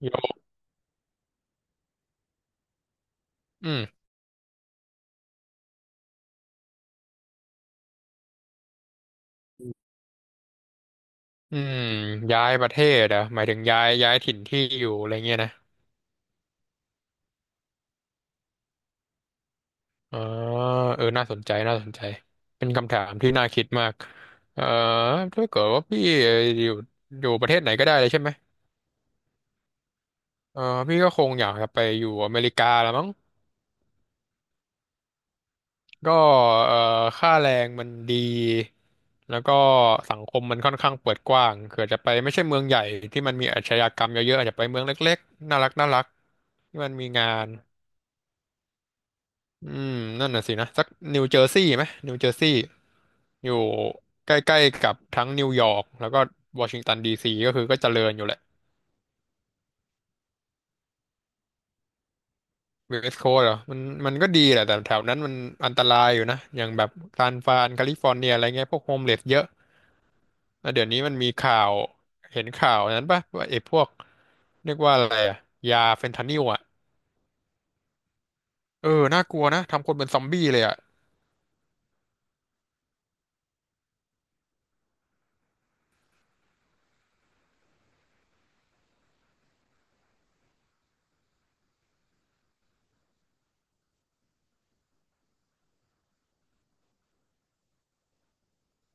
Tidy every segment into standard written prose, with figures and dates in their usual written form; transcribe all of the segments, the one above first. โยมอืมอืมย้ายประเทศเหรอ่ะหมายถึงย้ายถิ่นที่อยู่อะไรเงี้ยนะอ๋อเออน่าสนใจน่าสนใจ เป็นคำถามที่น่าคิดมากเออถ้าเกิดว่าพี่อยู่อยู่ประเทศไหนก็ได้เลยใช่ไหมเออพี่ก็คงอยากจะไปอยู่อเมริกาละมั้งก็เออค่าแรงมันดีแล้วก็สังคมมันค่อนข้างเปิดกว้างเผื่อจะไปไม่ใช่เมืองใหญ่ที่มันมีอาชญากรรมเยอะๆอาจจะไปเมืองเล็กๆน่ารักน่ารักที่มันมีงาน อืมนั่นน่ะสินะสักนิวเจอร์ซีย์ไหมนิวเจอร์ซีย์อยู่ใกล้ๆกับทั้งนิวยอร์กแล้วก็วอชิงตันดีซีก็คือก็เจริญอยู่แหละเวสต์โคสต์เหรอมันก็ดีแหละแต่แถวนั้นมันอันตรายอยู่นะอย่างแบบซานฟรานแคลิฟอร์เนียอะไรเงี้ยพวกโฮมเลสเยอะแล้วเดี๋ยวนี้มันมีข่าวเห็นข่าวนั้นปะว่าไอ้พวกเรียกว่าอะไรอะยาเฟนทานิลอะเออน่ากลัวนะทำคนเป็นซอมบี้เลยอะ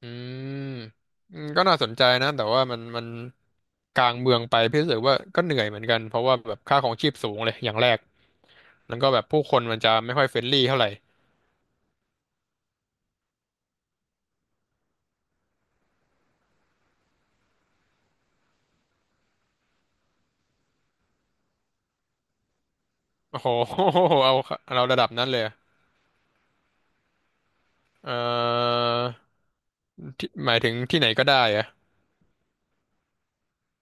อืมก็น่าสนใจนะแต่ว่ามันกลางเมืองไปพี่รู้สึกว่าก็เหนื่อยเหมือนกันเพราะว่าแบบค่าของชีพสูงเลยอย่างแรกแล้วก็แบบผู้คนมันจะไม่ค่อยเฟรนลี่เท่าไหร่โอ้โห เอาเราระดับนั้นเลยอะเอ่อที่หมายถึงที่ไหนก็ได้อะ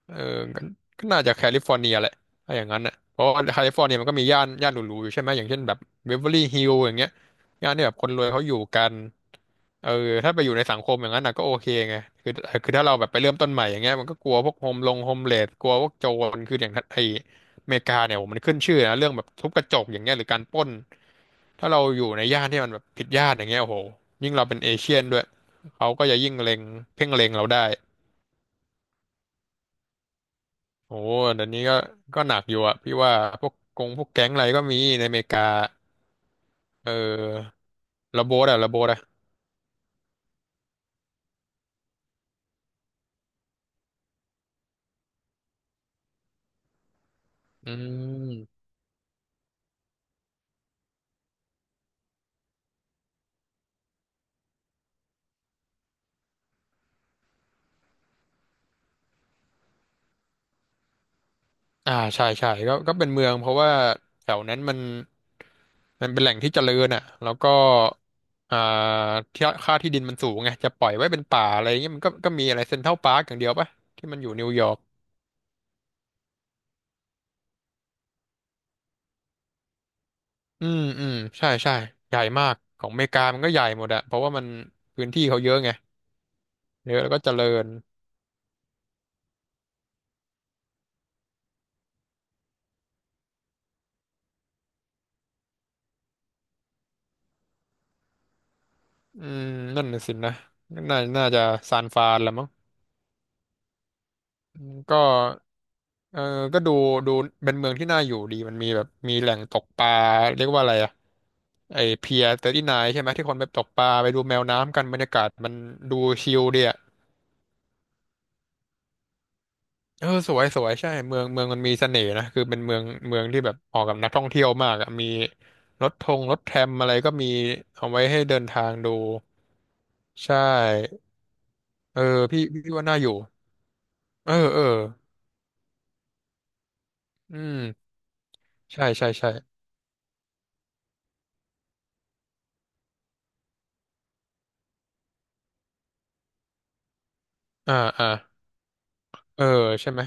เออก็น่าจะแคลิฟอร์เนียแหละถ้าอย่างนั้นอ่ะเพราะว่าแคลิฟอร์เนียมันก็มีย่านหรูๆอยู่ใช่ไหมอย่างเช่นแบบเบเวอร์ลี่ฮิลล์อย่างเงี้ยย่านที่แบบคนรวยเขาอยู่กัน เออถ้าไปอยู่ในสังคมอย่างนั้นนะก็โอเคไงคือถ้าเราแบบไปเริ่มต้นใหม่อย่างเงี้ยมันก็กลัวพวกโฮมเลสกลัวพวกโจรคืออย่างไออเมริกาเนี่ยโหมันขึ้นชื่อนะเรื่องแบบทุบกระจกอย่างเงี้ยหรือการปล้นถ้าเราอยู่ในย่านที่มันแบบผิดย่านอย่างเงี้ยโอ้โหยิ่งเราเป็นเอเชียนด้วยเขาก็จะยิ่งเล็งเพ่งเล็งเราได้โอ้เดี๋ยวนี้ก็หนักอยู่อะพี่ว่าพวกพวกแก๊งอะไรก็มีในอเมริกาเออระโบดอะระโบดอะอืมอ่าใช่ใช่ก็เป็นเมืองเพราะว่าแถวนั้นมัน มันเป็นแหล่งที่เจริญอ่ะ แล้วก็อ่าที่ค่าที่ดินมันสูงไง จะปล่อยไว้เป็นป่าอะไรเงี้ย มันก็มีอะไรเซ็นทรัลพาร์คอย่างเดียวปะที่มันอยู่นิวยอร์กอืม อืม ใช่ใช่ใหญ่มาก ของอเมริกามันก็ใหญ่หมดอะเพราะว่ามันพื้นที่เขาเยอะไง เยอะแล้วก็เจริญอืม นั่นน่ะสินะน่าน่าจะซานฟรานละมั้งก็ เออ ก็ดูเป็นเมืองที่น่าอยู่ดี มันมีแบบมีแหล่งตกปลาเรียกว่าอะไรอะไอเพียเตอร์ตี้ไนใช่ไหมที่คนไปตกปลาไปดูแมวน้ำกันบรรยากาศมันดูชิลดีอะเออสวยสวยใช่เมืองมันมีเสน่ห์นะคือเป็นเมืองที่แบบเหมาะกับนักท่องเที่ยวมากอะมีรถแทรมอะไรก็มีเอาไว้ให้เดินทางดูใช่เออพี่ว่าน่าอยู่เออเอออืมใช่ใช่ใช่อ่าอ่าเออใช่ไหม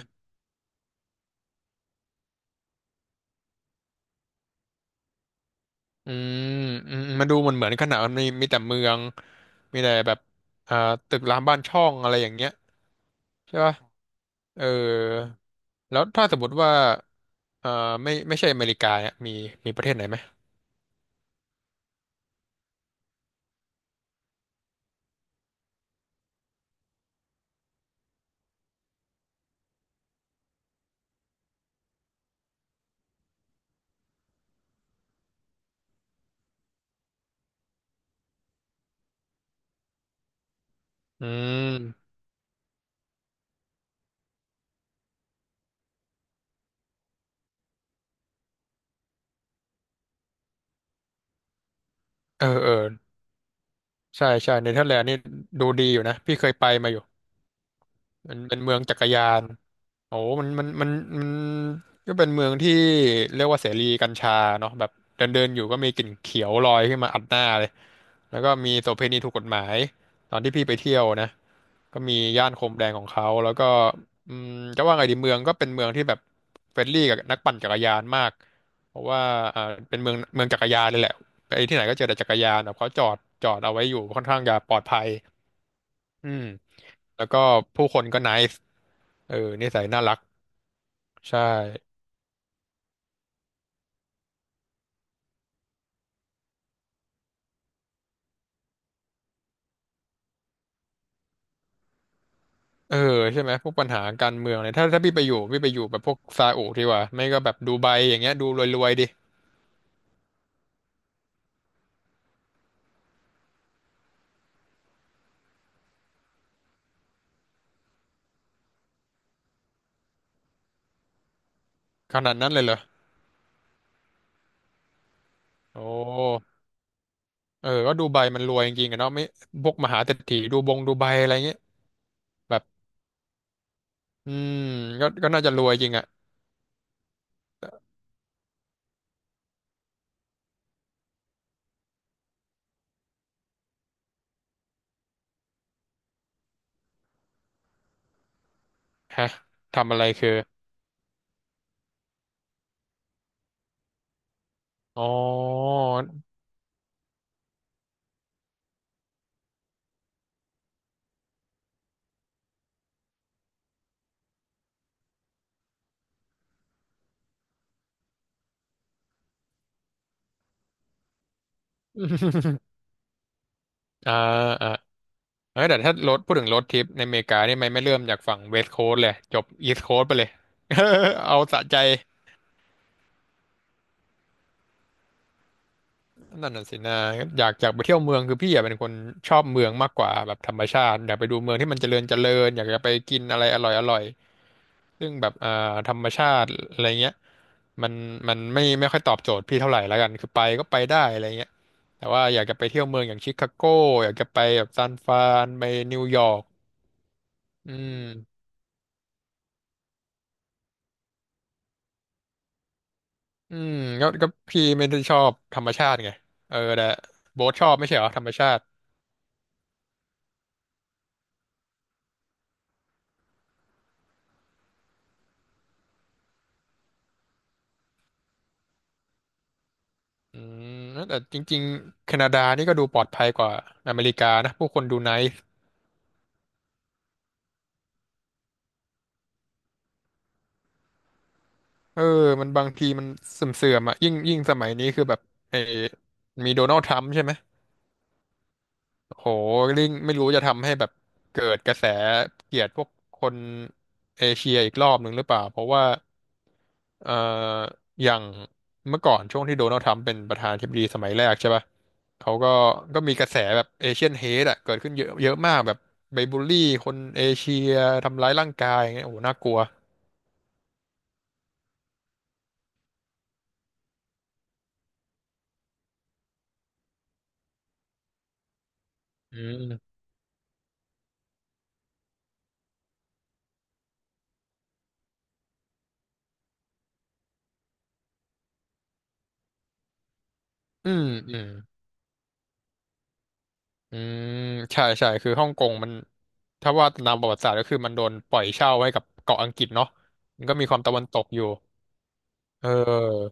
อืมมันดูเหมือนขนาดมันมีมีแต่เมืองมีแต่แบบอ่าตึกรามบ้านช่องอะไรอย่างเงี้ยใช่ป่ะเออแล้วถ้าสมมติว่าเอ่อไม่ใช่อเมริกาอ่ะมีประเทศไหนไหมอืมเออเออใช่ใช่เนเธอร์แลนด์นี่ดูดีอยู่นะพี่เคยไปมาอยู่มันเป็นเมืองจักรยาน โอ้มันก็เป็นเมืองที่เรียกว่าเสรีกัญชาเนาะแบบเดินเดินอยู่ก็มีกลิ่นเขียวลอยขึ้นมาอัดหน้าเลยแล้วก็มีโสเภณีถูกกฎหมายตอนที่พี่ไปเที่ยวนะก็มีย่านโคมแดงของเขาแล้วก็อืมจะว่าไงดีเมืองก็เป็นเมืองที่แบบเฟรนลี่กับนักปั่นจักรยานมากเพราะว่าอ่าเป็นเมืองจักรยานเลยแหละไปที่ไหนก็เจอแต่จักรยานแบบเขาจอดเอาไว้อยู่ค่อนข้างจะปลอดภัยอืมแล้วก็ผู้คนก็ nice เออนิสัยน่ารักใช่ เออใช่ไหมพวกปัญหาการเมืองเนี่ยถ้าพี่ไปอยู่แบบพวกซาอุดีกว่าไม่ก็แบบดูไบอย่างเงี้ยดูรวยๆดิขนาดนั้นเลยเหรอโอ้เออก็ดูไบมันรวยจริงๆอะเนาะไม่พวกมหาเศรษฐีดูบงดูไบอะไรเงี้ยแบบอืมก็น่าจะรวยจริงอะฮะทำอะไรคืออ๋อ อ่าอ่าเอ้ยแต่ถ้ารถพูดถึงรถทริปในอเมริกานี่ไม่เริ่มจากฝั่งเวสต์โคสต์เลยจบอีสต์โคสต์ไปเลย เอาสะใจ นั่นน่ะสินะอยากไปเที่ยวเมืองคือพี่อยากเป็นคนชอบเมืองมากกว่าแบบธรรมชาติอยากไปดูเมืองที่มันเจริญเจริญอยากจะไปกินอะไรอร่อยอร่อยซึ่งแบบธรรมชาติอะไรเงี้ยมันมันไม่ค่อยตอบโจทย์พี่เท่าไหร่แล้วกันคือไปก็ไปได้อะไรเงี้ยแต่ว่าอยากจะไปเที่ยวเมืองอย่างชิคาโกอยากจะไปแบบซานฟรานไปนิวยอร์กอืมอืมก็พี่ไม่ได้ชอบธรรมชาติไงเออแต่โบ๊ทชอบไม่ใช่เหรอธรรมชาติ อืมแล้วแต่จริงๆแคนาดานี่ก็ดูปลอดภัยกว่าอเมริกานะผู้คนดูไนซ์เออมันบางทีมันเสื่อมๆอ่ะยิ่งสมัยนี้คือแบบเออมีโดนัลด์ทรัมป์ใช่ไหมโโหลิงไม่รู้จะทำให้แบบเกิดกระแสเกลียดพวกคนเอเชียอีกรอบหนึ่งหรือเปล่าเพราะว่า เอ่ออย่างเมื่อก่อนช่วงที่โดนัลด์ทรัมป์เป็นประธานาธิบดีสมัยแรกใช่ป่ะเขาก็มีกระแสแบบเอเชียนเฮดอะเกิดขึ้นเยอะเยอะมากแบบไปบูลลี่คนเอเชียทำร้ายร่างกายอย่างเงี้ยโอ้โหน่ากลัวอืมอืมอืมอืมใช่ใช่คือฮ่องกงมันถ้าว่าตามประวัติศาสตร์ก็คือมันโดนปล่อยเช่าให้กับเกาะอังกฤษเนาะมันก็มีความตะวันตกอยู่ เออ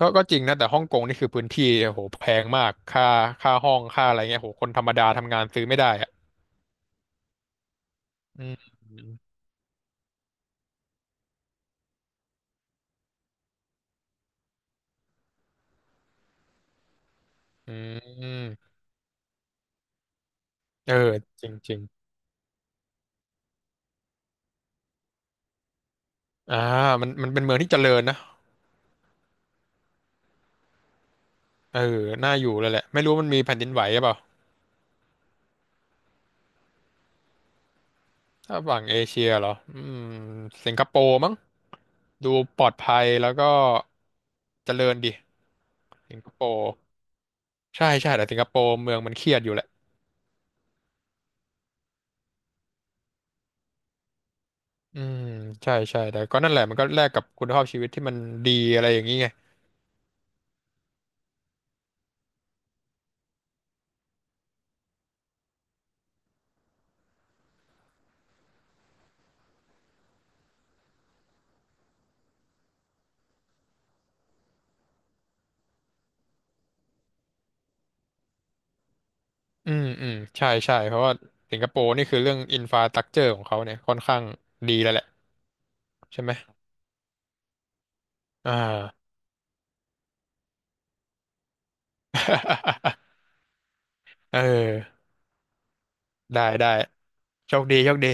ก็จริงนะแต่ฮ่องกงนี่คือพื้นที่โอ้โหแพงมากค่าค่าห้องค่าอะไรเงี้ยโหคนธรรมดาทำงานซื้อไม่ได้อะอืมอืมเออจริงจริงอ่ามันมันเป็นเมืองที่เจริญนะเออน่าอยู่เลยแหละไม่รู้มันมีแผ่นดินไหวหรือเปล่าถ้าฝั่งเอเชียเหรออืมสิงคโปร์มั้งดูปลอดภัยแล้วก็เจริญดิสิงคโปร์ใช่ใช่แต่สิงคโปร์เมืองมันเครียดอยู่แหละ อืมใช่ใช่แต่ก็นั่นแหละมันก็แลกกับคุณภาพชีวิตที่มันดีอะไรอย่างนี้ไงใช่ใช่เพราะว่าสิงคโปร์นี่คือเรื่องอินฟ a า t ต u c เจอร์ของเขาเนี่ยค่อนข้างดีแล้วแหละใช่ไหมอ่า เออได้ได้โชคดีโชคดี